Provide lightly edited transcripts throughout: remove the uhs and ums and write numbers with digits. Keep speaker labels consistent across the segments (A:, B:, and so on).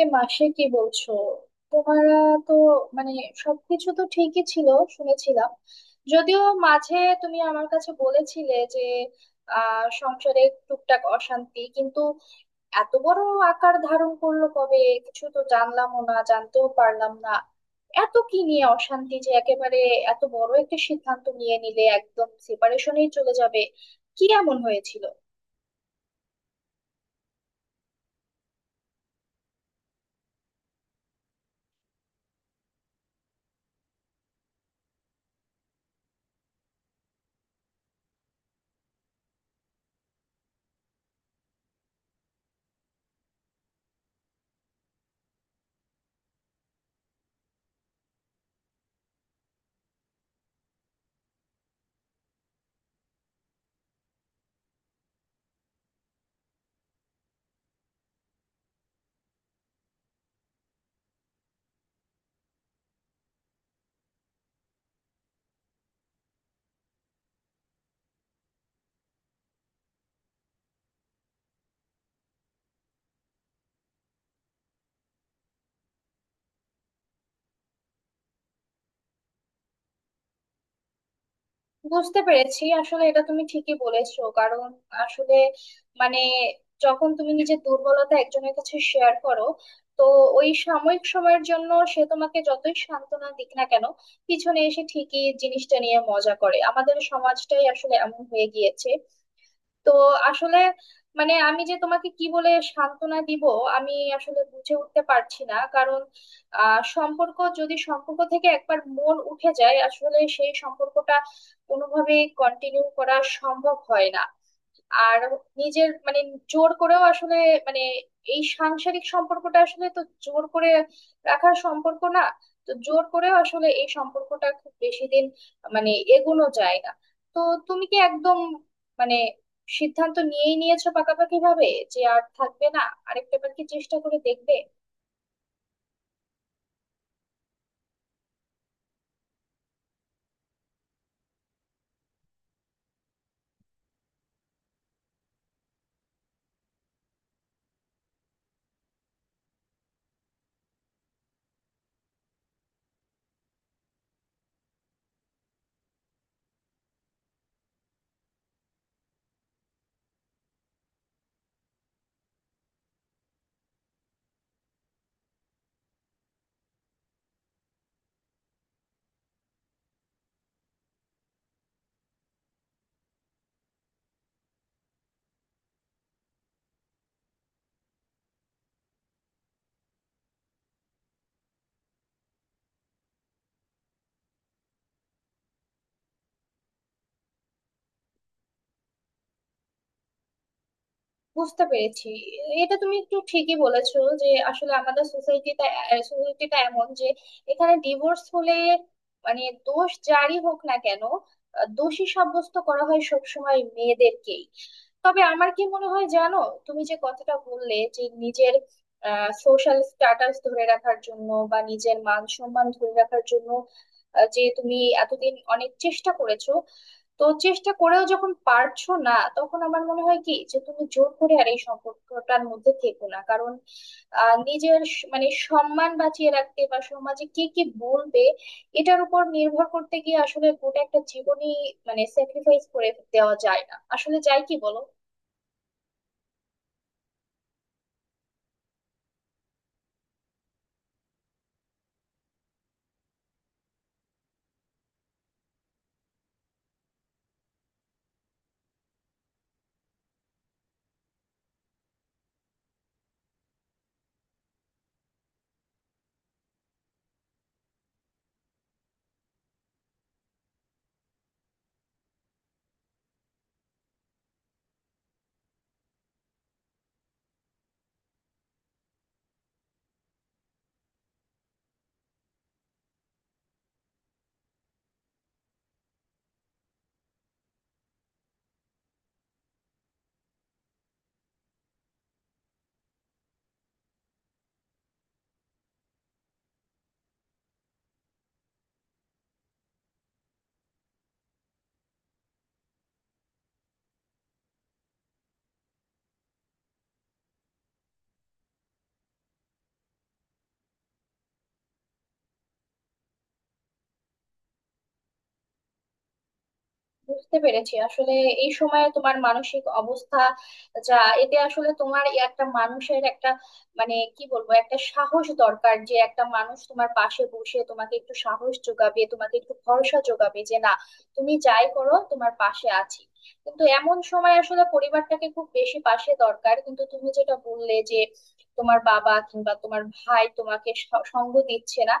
A: এ মাসে কি বলছো তোমারা? তো মানে সবকিছু তো ঠিকই ছিল শুনেছিলাম, যদিও মাঝে তুমি আমার কাছে বলেছিলে যে সংসারে টুকটাক অশান্তি, কিন্তু এত বড় আকার ধারণ করলো কবে? কিছু তো জানলামও না, জানতেও পারলাম না। এত কি নিয়ে অশান্তি যে একেবারে এত বড় একটা সিদ্ধান্ত নিয়ে নিলে, একদম সেপারেশনেই চলে যাবে? কি এমন হয়েছিল? বুঝতে পেরেছি। আসলে এটা তুমি ঠিকই বলেছো, কারণ আসলে মানে যখন তুমি নিজের দুর্বলতা একজনের কাছে শেয়ার করো, তো ওই সাময়িক সময়ের জন্য সে তোমাকে যতই সান্ত্বনা দিক না কেন, পিছনে এসে ঠিকই জিনিসটা নিয়ে মজা করে। আমাদের সমাজটাই আসলে এমন হয়ে গিয়েছে। তো আসলে মানে আমি যে তোমাকে কি বলে সান্ত্বনা দিব, আমি আসলে বুঝে উঠতে পারছি না। কারণ সম্পর্ক, যদি সম্পর্ক থেকে একবার মন উঠে যায়, আসলে সেই সম্পর্কটা কোনোভাবেই কন্টিনিউ করা সম্ভব হয় না। আর নিজের মানে জোর করেও আসলে মানে এই সাংসারিক সম্পর্কটা আসলে তো জোর করে রাখার সম্পর্ক না। তো জোর করেও আসলে এই সম্পর্কটা খুব বেশি দিন মানে এগোনো যায় না। তো তুমি কি একদম মানে সিদ্ধান্ত নিয়েই নিয়েছো পাকাপাকি ভাবে যে আর থাকবে না? আরেকটাবার কি চেষ্টা করে দেখবে? বুঝতে পেরেছি। এটা তুমি একটু ঠিকই বলেছো যে আসলে আমাদের সোসাইটিটা, সোসাইটিটা এমন যে এখানে ডিভোর্স হলে মানে দোষ যারই হোক না কেন, দোষী সাব্যস্ত করা হয় সবসময় মেয়েদেরকেই। তবে আমার কি মনে হয় জানো, তুমি যে কথাটা বললে যে নিজের সোশ্যাল স্ট্যাটাস ধরে রাখার জন্য বা নিজের মান সম্মান ধরে রাখার জন্য যে তুমি এতদিন অনেক চেষ্টা করেছো, তো চেষ্টা করেও যখন পারছো না তখন আমার মনে হয় কি যে তুমি জোর করে আর এই সম্পর্কটার মধ্যে থেকো না। কারণ নিজের মানে সম্মান বাঁচিয়ে রাখতে বা সমাজে কে কি বলবে এটার উপর নির্ভর করতে গিয়ে আসলে গোটা একটা জীবনই মানে স্যাক্রিফাইস করে দেওয়া যায় না, আসলে যায় কি বলো? বুঝতে পেরেছি। আসলে এই সময়ে তোমার মানসিক অবস্থা যা, এতে আসলে তোমার এই একটা মানুষের একটা মানে কি বলবো, একটা সাহস দরকার যে একটা মানুষ তোমার পাশে বসে তোমাকে একটু সাহস যোগাবে, তোমাকে একটু ভরসা যোগাবে যে না, তুমি যাই করো তোমার পাশে আছি। কিন্তু এমন সময় আসলে পরিবারটাকে খুব বেশি পাশে দরকার, কিন্তু তুমি যেটা বললে যে তোমার বাবা কিংবা তোমার ভাই তোমাকে সঙ্গ দিচ্ছে না,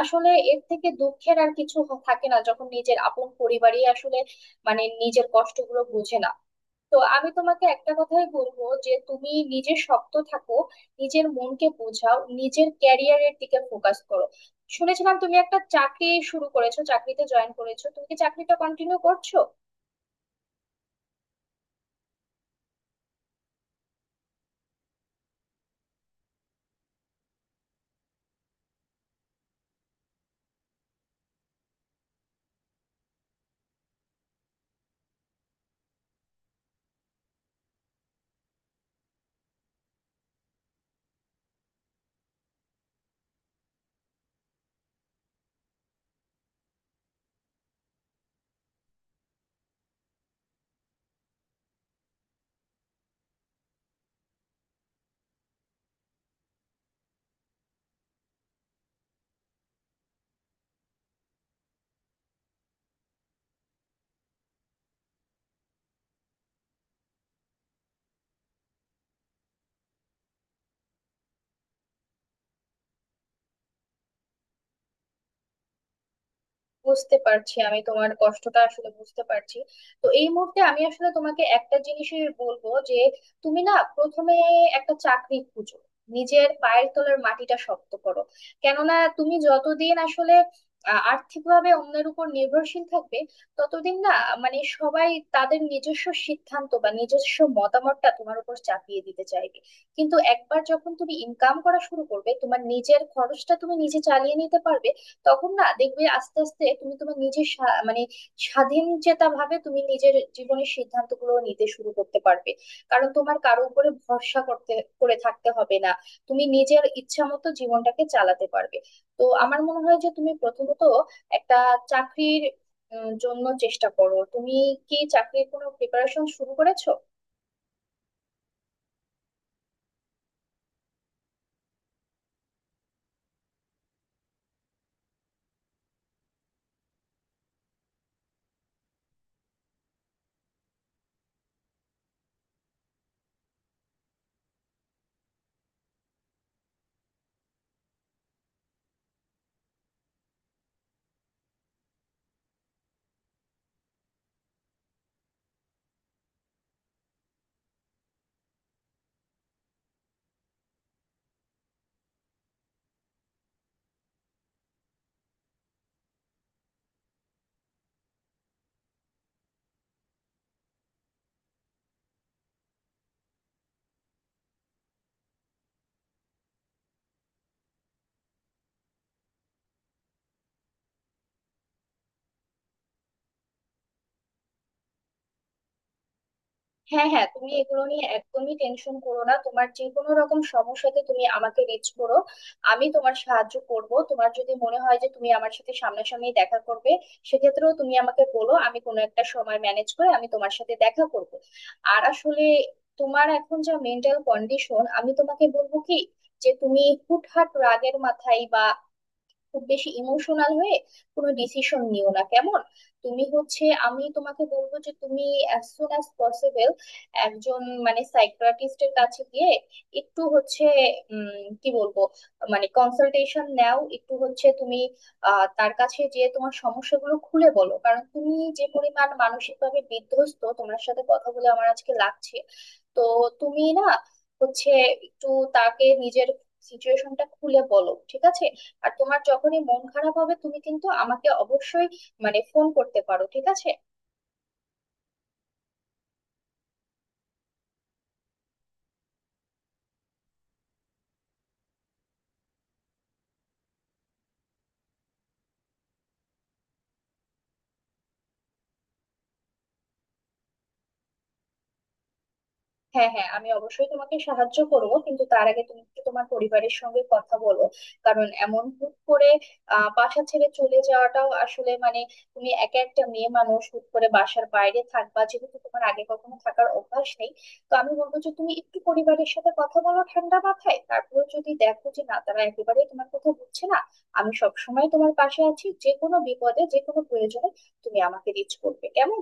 A: আসলে এর থেকে দুঃখের আর কিছু থাকে না যখন নিজের আপন পরিবারই আসলে মানে নিজের কষ্টগুলো বোঝে না। তো আমি তোমাকে একটা কথাই বলবো যে তুমি নিজে শক্ত থাকো, নিজের মনকে বোঝাও, নিজের ক্যারিয়ারের দিকে ফোকাস করো। শুনেছিলাম তুমি একটা চাকরি শুরু করেছো, চাকরিতে জয়েন করেছো, তুমি কি চাকরিটা কন্টিনিউ করছো? বুঝতে পারছি, আমি তোমার কষ্টটা আসলে বুঝতে পারছি। তো এই মুহূর্তে আমি আসলে তোমাকে একটা জিনিসই বলবো যে তুমি না প্রথমে একটা চাকরি খুঁজো, নিজের পায়ের তলার মাটিটা শক্ত করো। কেননা তুমি যতদিন আসলে আর্থিকভাবে অন্যের উপর নির্ভরশীল থাকবে, ততদিন না মানে সবাই তাদের নিজস্ব সিদ্ধান্ত বা নিজস্ব মতামতটা তোমার উপর চাপিয়ে দিতে চাইবে। কিন্তু একবার যখন তুমি ইনকাম করা শুরু করবে, তোমার নিজের খরচটা তুমি নিজে চালিয়ে নিতে পারবে, তখন না দেখবে আস্তে আস্তে তুমি তোমার নিজের মানে স্বাধীন চেতা ভাবে তুমি নিজের জীবনের সিদ্ধান্তগুলো নিতে শুরু করতে পারবে। কারণ তোমার কারো উপরে ভরসা করতে করে থাকতে হবে না, তুমি নিজের ইচ্ছা মতো জীবনটাকে চালাতে পারবে। তো আমার মনে হয় যে তুমি প্রথমত একটা চাকরির জন্য চেষ্টা করো। তুমি কি চাকরির কোনো প্রিপারেশন শুরু করেছো? হ্যাঁ হ্যাঁ, তুমি এগুলো নিয়ে একদমই টেনশন করো না, তোমার যে কোনো রকম সমস্যাতে তুমি আমাকে রিচ করো, আমি তোমার সাহায্য করব। তোমার যদি মনে হয় যে তুমি আমার সাথে সামনাসামনি দেখা করবে, সেক্ষেত্রেও তুমি আমাকে বলো, আমি কোনো একটা সময় ম্যানেজ করে আমি তোমার সাথে দেখা করব। আর আসলে তোমার এখন যা মেন্টাল কন্ডিশন, আমি তোমাকে বলবো কি যে তুমি হুটহাট রাগের মাথায় বা খুব বেশি ইমোশনাল হয়ে কোনো ডিসিশন নিও না, কেমন? তুমি হচ্ছে আমি তোমাকে বলবো যে তুমি অ্যাজ সুন অ্যাজ পসিবল একজন মানে সাইকিয়াট্রিস্টের কাছে গিয়ে একটু হচ্ছে কি বলবো মানে কনসালটেশন নাও, একটু হচ্ছে তুমি তার কাছে যে তোমার সমস্যাগুলো খুলে বলো। কারণ তুমি যে পরিমাণ মানসিকভাবে বিধ্বস্ত, তোমার সাথে কথা বলে আমার আজকে লাগছে। তো তুমি না হচ্ছে একটু তাকে নিজের সিচুয়েশনটা খুলে বলো, ঠিক আছে? আর তোমার যখনই মন খারাপ হবে তুমি কিন্তু আমাকে অবশ্যই মানে ফোন করতে পারো, ঠিক আছে? হ্যাঁ হ্যাঁ, আমি অবশ্যই তোমাকে সাহায্য করব, কিন্তু তার আগে তুমি একটু তোমার পরিবারের সঙ্গে কথা বলো। কারণ এমন হুট করে বাসা ছেড়ে চলে যাওয়াটাও আসলে মানে তুমি একা একটা মেয়ে মানুষ হুট করে বাসার বাইরে থাকবা যেহেতু তোমার আগে কখনো থাকার অভ্যাস নেই। তো আমি বলবো যে তুমি একটু পরিবারের সাথে কথা বলো ঠান্ডা মাথায়, তারপর যদি দেখো যে না, তারা একেবারেই তোমার কথা বুঝছে না, আমি সবসময় তোমার পাশে আছি। যে কোনো বিপদে যে কোনো প্রয়োজনে তুমি আমাকে রিচ করবে, কেমন?